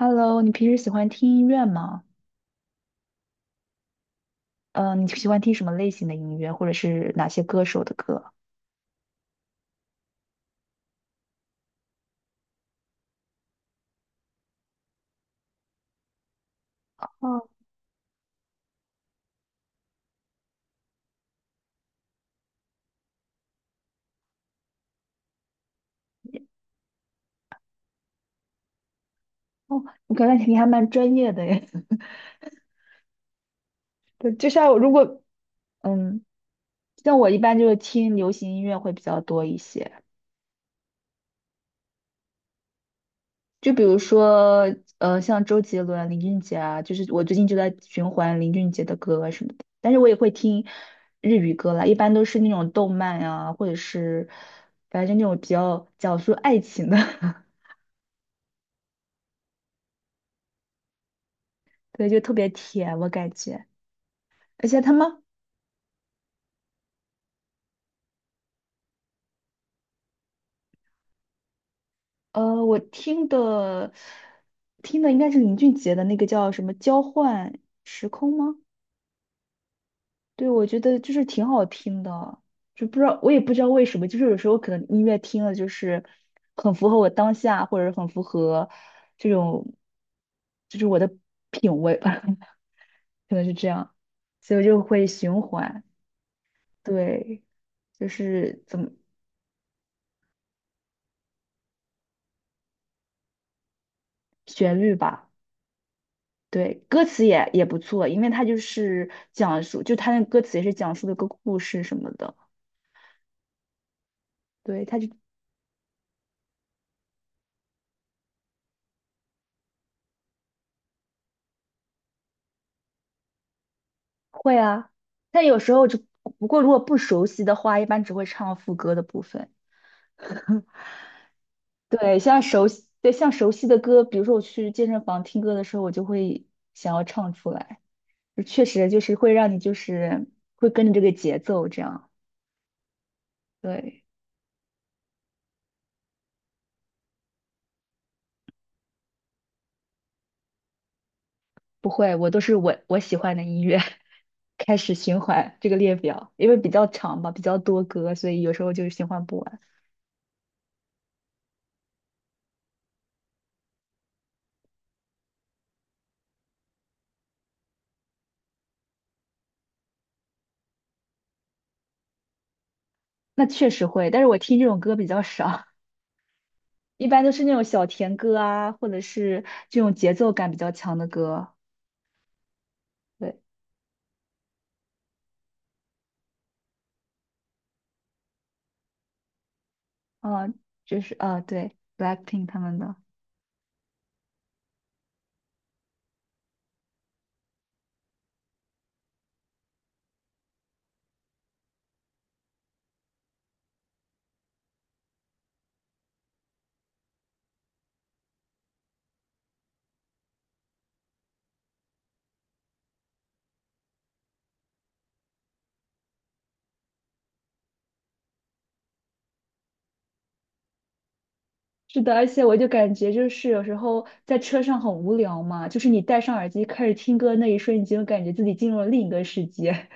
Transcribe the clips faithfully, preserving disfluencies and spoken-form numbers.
Hello，你平时喜欢听音乐吗？嗯，你喜欢听什么类型的音乐，或者是哪些歌手的歌？哦哦，我感觉你还蛮专业的耶。对，就像我如果嗯，像我一般就是听流行音乐会比较多一些，就比如说呃，像周杰伦、林俊杰啊，就是我最近就在循环林俊杰的歌啊什么的。但是我也会听日语歌啦，一般都是那种动漫啊，或者是反正那种比较讲述爱情的，对，就特别甜，我感觉。而且他们，呃，我听的听的应该是林俊杰的那个叫什么《交换时空》吗？对，我觉得就是挺好听的，就不知道我也不知道为什么，就是有时候可能音乐听了就是很符合我当下，或者是很符合这种就是我的品味吧，可能是这样，所以我就会循环，对，就是怎么旋律吧。对，歌词也也不错，因为它就是讲述，就它那歌词也是讲述的个故事什么的。对，他就会啊，但有时候就不过如果不熟悉的话，一般只会唱副歌的部分。对，像熟悉，对，像熟悉的歌，比如说我去健身房听歌的时候，我就会想要唱出来，就确实就是会让你就是会跟着这个节奏这样。对。不会，我都是我我喜欢的音乐 开始循环这个列表，因为比较长吧，比较多歌，所以有时候就是循环不完。那确实会，但是我听这种歌比较少，一般都是那种小甜歌啊，或者是这种节奏感比较强的歌。对，啊、就是啊、对，BLACKPINK 他们的。是的，而且我就感觉就是有时候在车上很无聊嘛，就是你戴上耳机开始听歌那一瞬间，就感觉自己进入了另一个世界。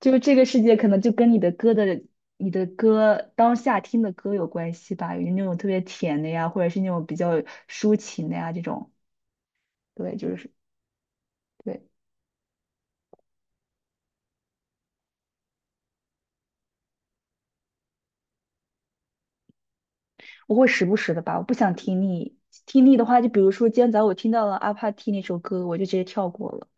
就这个世界可能就跟你的歌的、你的歌当下听的歌有关系吧，有那种特别甜的呀，或者是那种比较抒情的呀，这种，对，就是对，我会时不时的吧，我不想听腻，听腻的话，就比如说今天早上我听到了阿帕蒂那首歌，我就直接跳过了。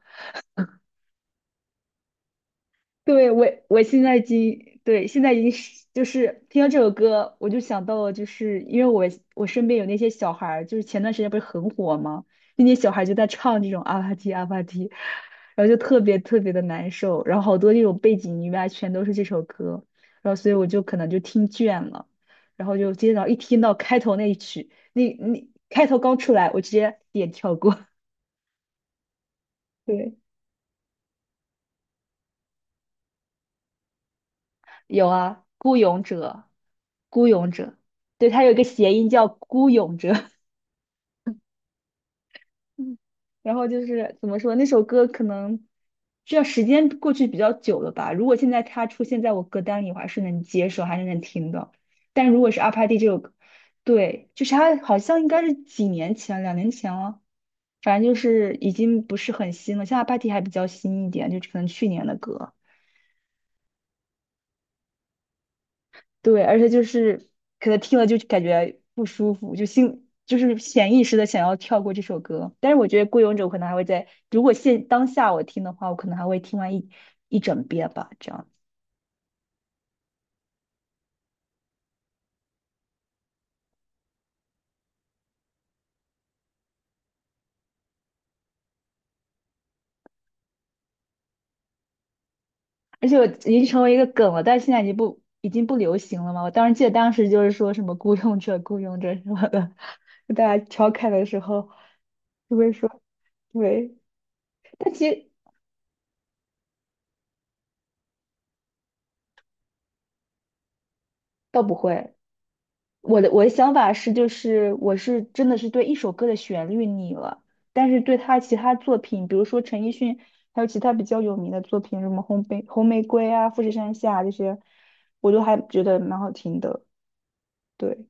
对，我我现在已经对现在已经是就是听到这首歌，我就想到了，就是因为我我身边有那些小孩儿，就是前段时间不是很火吗？那些小孩就在唱这种阿帕提阿帕提，然后就特别特别的难受，然后好多那种背景音乐啊全都是这首歌，然后所以我就可能就听倦了，然后就今天早上一听到开头那一曲，那那开头刚出来，我直接点跳过，对。有啊，孤勇者，孤勇者，对，它有一个谐音叫孤勇者。嗯然后就是怎么说，那首歌可能这时间过去比较久了吧。如果现在它出现在我歌单里，我还是能接受，还是能听的。但如果是阿帕蒂这首歌，对，就是它好像应该是几年前，两年前了，反正就是已经不是很新了。像阿帕蒂还比较新一点，就可能去年的歌。对，而且就是可能听了就感觉不舒服，就心就是潜意识的想要跳过这首歌。但是我觉得《孤勇者》我可能还会在，如果现当下我听的话，我可能还会听完一一整遍吧，这样。而且我已经成为一个梗了，但是现在已经不已经不流行了嘛。我当时记得当时就是说什么"孤勇者""孤勇者"什么的，大家调侃的时候就会说对，但其实倒不会。我的我的想法是，就是我是真的是对一首歌的旋律腻了，但是对他其他作品，比如说陈奕迅，还有其他比较有名的作品，什么红玫红玫瑰啊、富士山下啊这些，我都还觉得蛮好听的。对，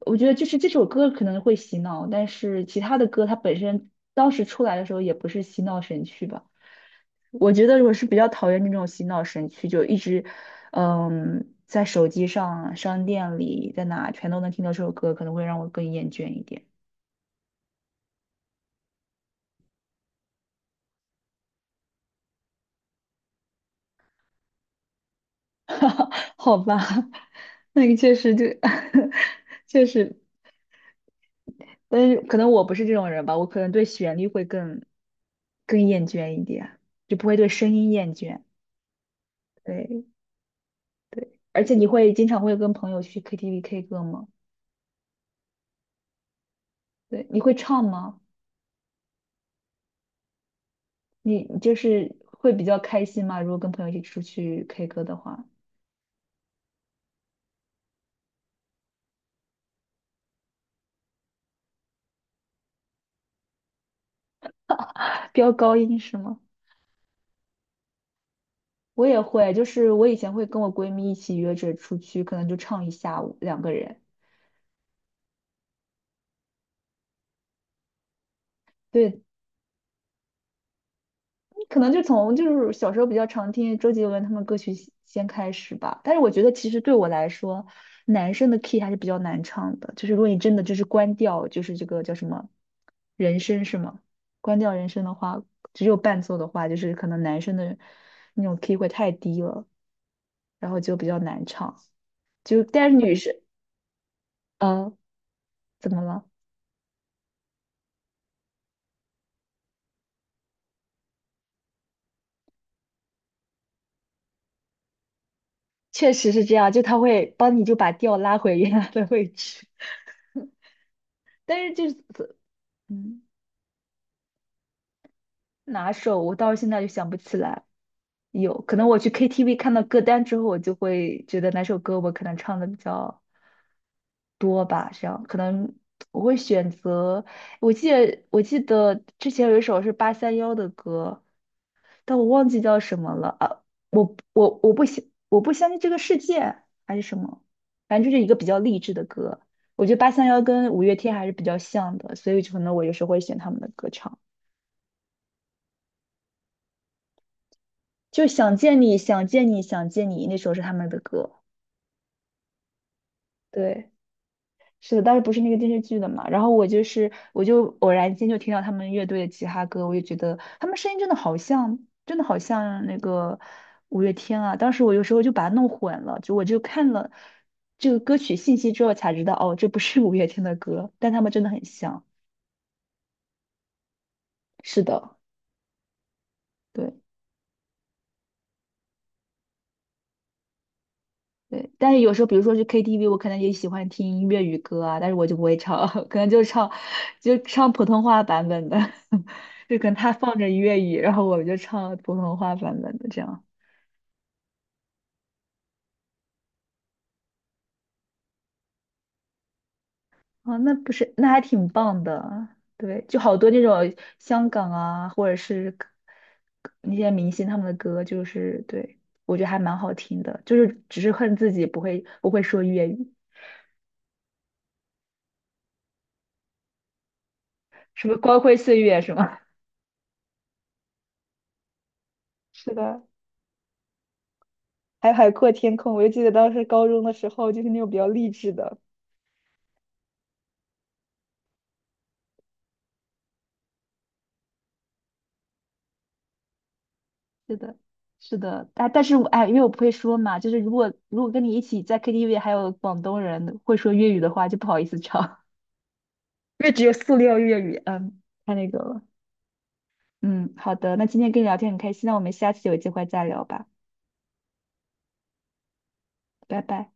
我觉得就是这首歌可能会洗脑，但是其他的歌它本身当时出来的时候也不是洗脑神曲吧。我觉得我是比较讨厌那种洗脑神曲，就一直，嗯，在手机上、商店里，在哪全都能听到这首歌，可能会让我更厌倦一点。好吧，那个确实就，确实，但是可能我不是这种人吧，我可能对旋律会更更厌倦一点，就不会对声音厌倦。对对，而且你会经常会跟朋友去 K T V K 歌吗？对，你会唱吗？你就是会比较开心吗？如果跟朋友一起出去 K 歌的话，飙高音是吗？我也会，就是我以前会跟我闺蜜一起约着出去，可能就唱一下午，两个人。对，可能就从就是小时候比较常听周杰伦他们歌曲先先开始吧。但是我觉得其实对我来说，男生的 key 还是比较难唱的。就是如果你真的就是关掉，就是这个叫什么人声是吗？关掉人声的话，只有伴奏的话，就是可能男生的那种 key 会太低了。然后就比较难唱。就但是女生，嗯，怎么了？确实是这样，就他会帮你就把调拉回原来的位置。但是就是嗯，哪首我到现在就想不起来。有可能我去 K T V 看到歌单之后，我就会觉得哪首歌我可能唱的比较多吧，这样可能我会选择。我记得我记得之前有一首是八三幺的歌，但我忘记叫什么了啊！我我我不相我不相信这个世界还是什么，反正就是一个比较励志的歌。我觉得八三幺跟五月天还是比较像的，所以可能我有时候会选他们的歌唱。就想见你，想见你，想见你，那首是他们的歌。对。是的，当时不是那个电视剧的嘛，然后我就是我就偶然间就听到他们乐队的吉他歌，我就觉得他们声音真的好像，真的好像那个五月天啊。当时我有时候就把它弄混了，就我就看了这个歌曲信息之后才知道，哦，这不是五月天的歌，但他们真的很像。是的，对。对，但是有时候，比如说去 K T V,我可能也喜欢听粤语歌啊，但是我就不会唱，可能就唱，就唱普通话版本的，就可能他放着粤语，然后我就唱普通话版本的这样。啊，那不是，那还挺棒的。对，就好多那种香港啊，或者是歌那些明星他们的歌，就是对，我觉得还蛮好听的，就是只是恨自己不会不会说粤语，什么光辉岁月是吗？是的。还有海阔天空，我就记得当时高中的时候，就是那种比较励志的。是的，是的，哎，但是我哎，因为我不会说嘛，就是如果如果跟你一起在 K T V 还有广东人会说粤语的话，就不好意思唱。因为只有塑料粤语，嗯，太那个了。嗯，好的，那今天跟你聊天很开心，那我们下次有机会再聊吧，拜拜。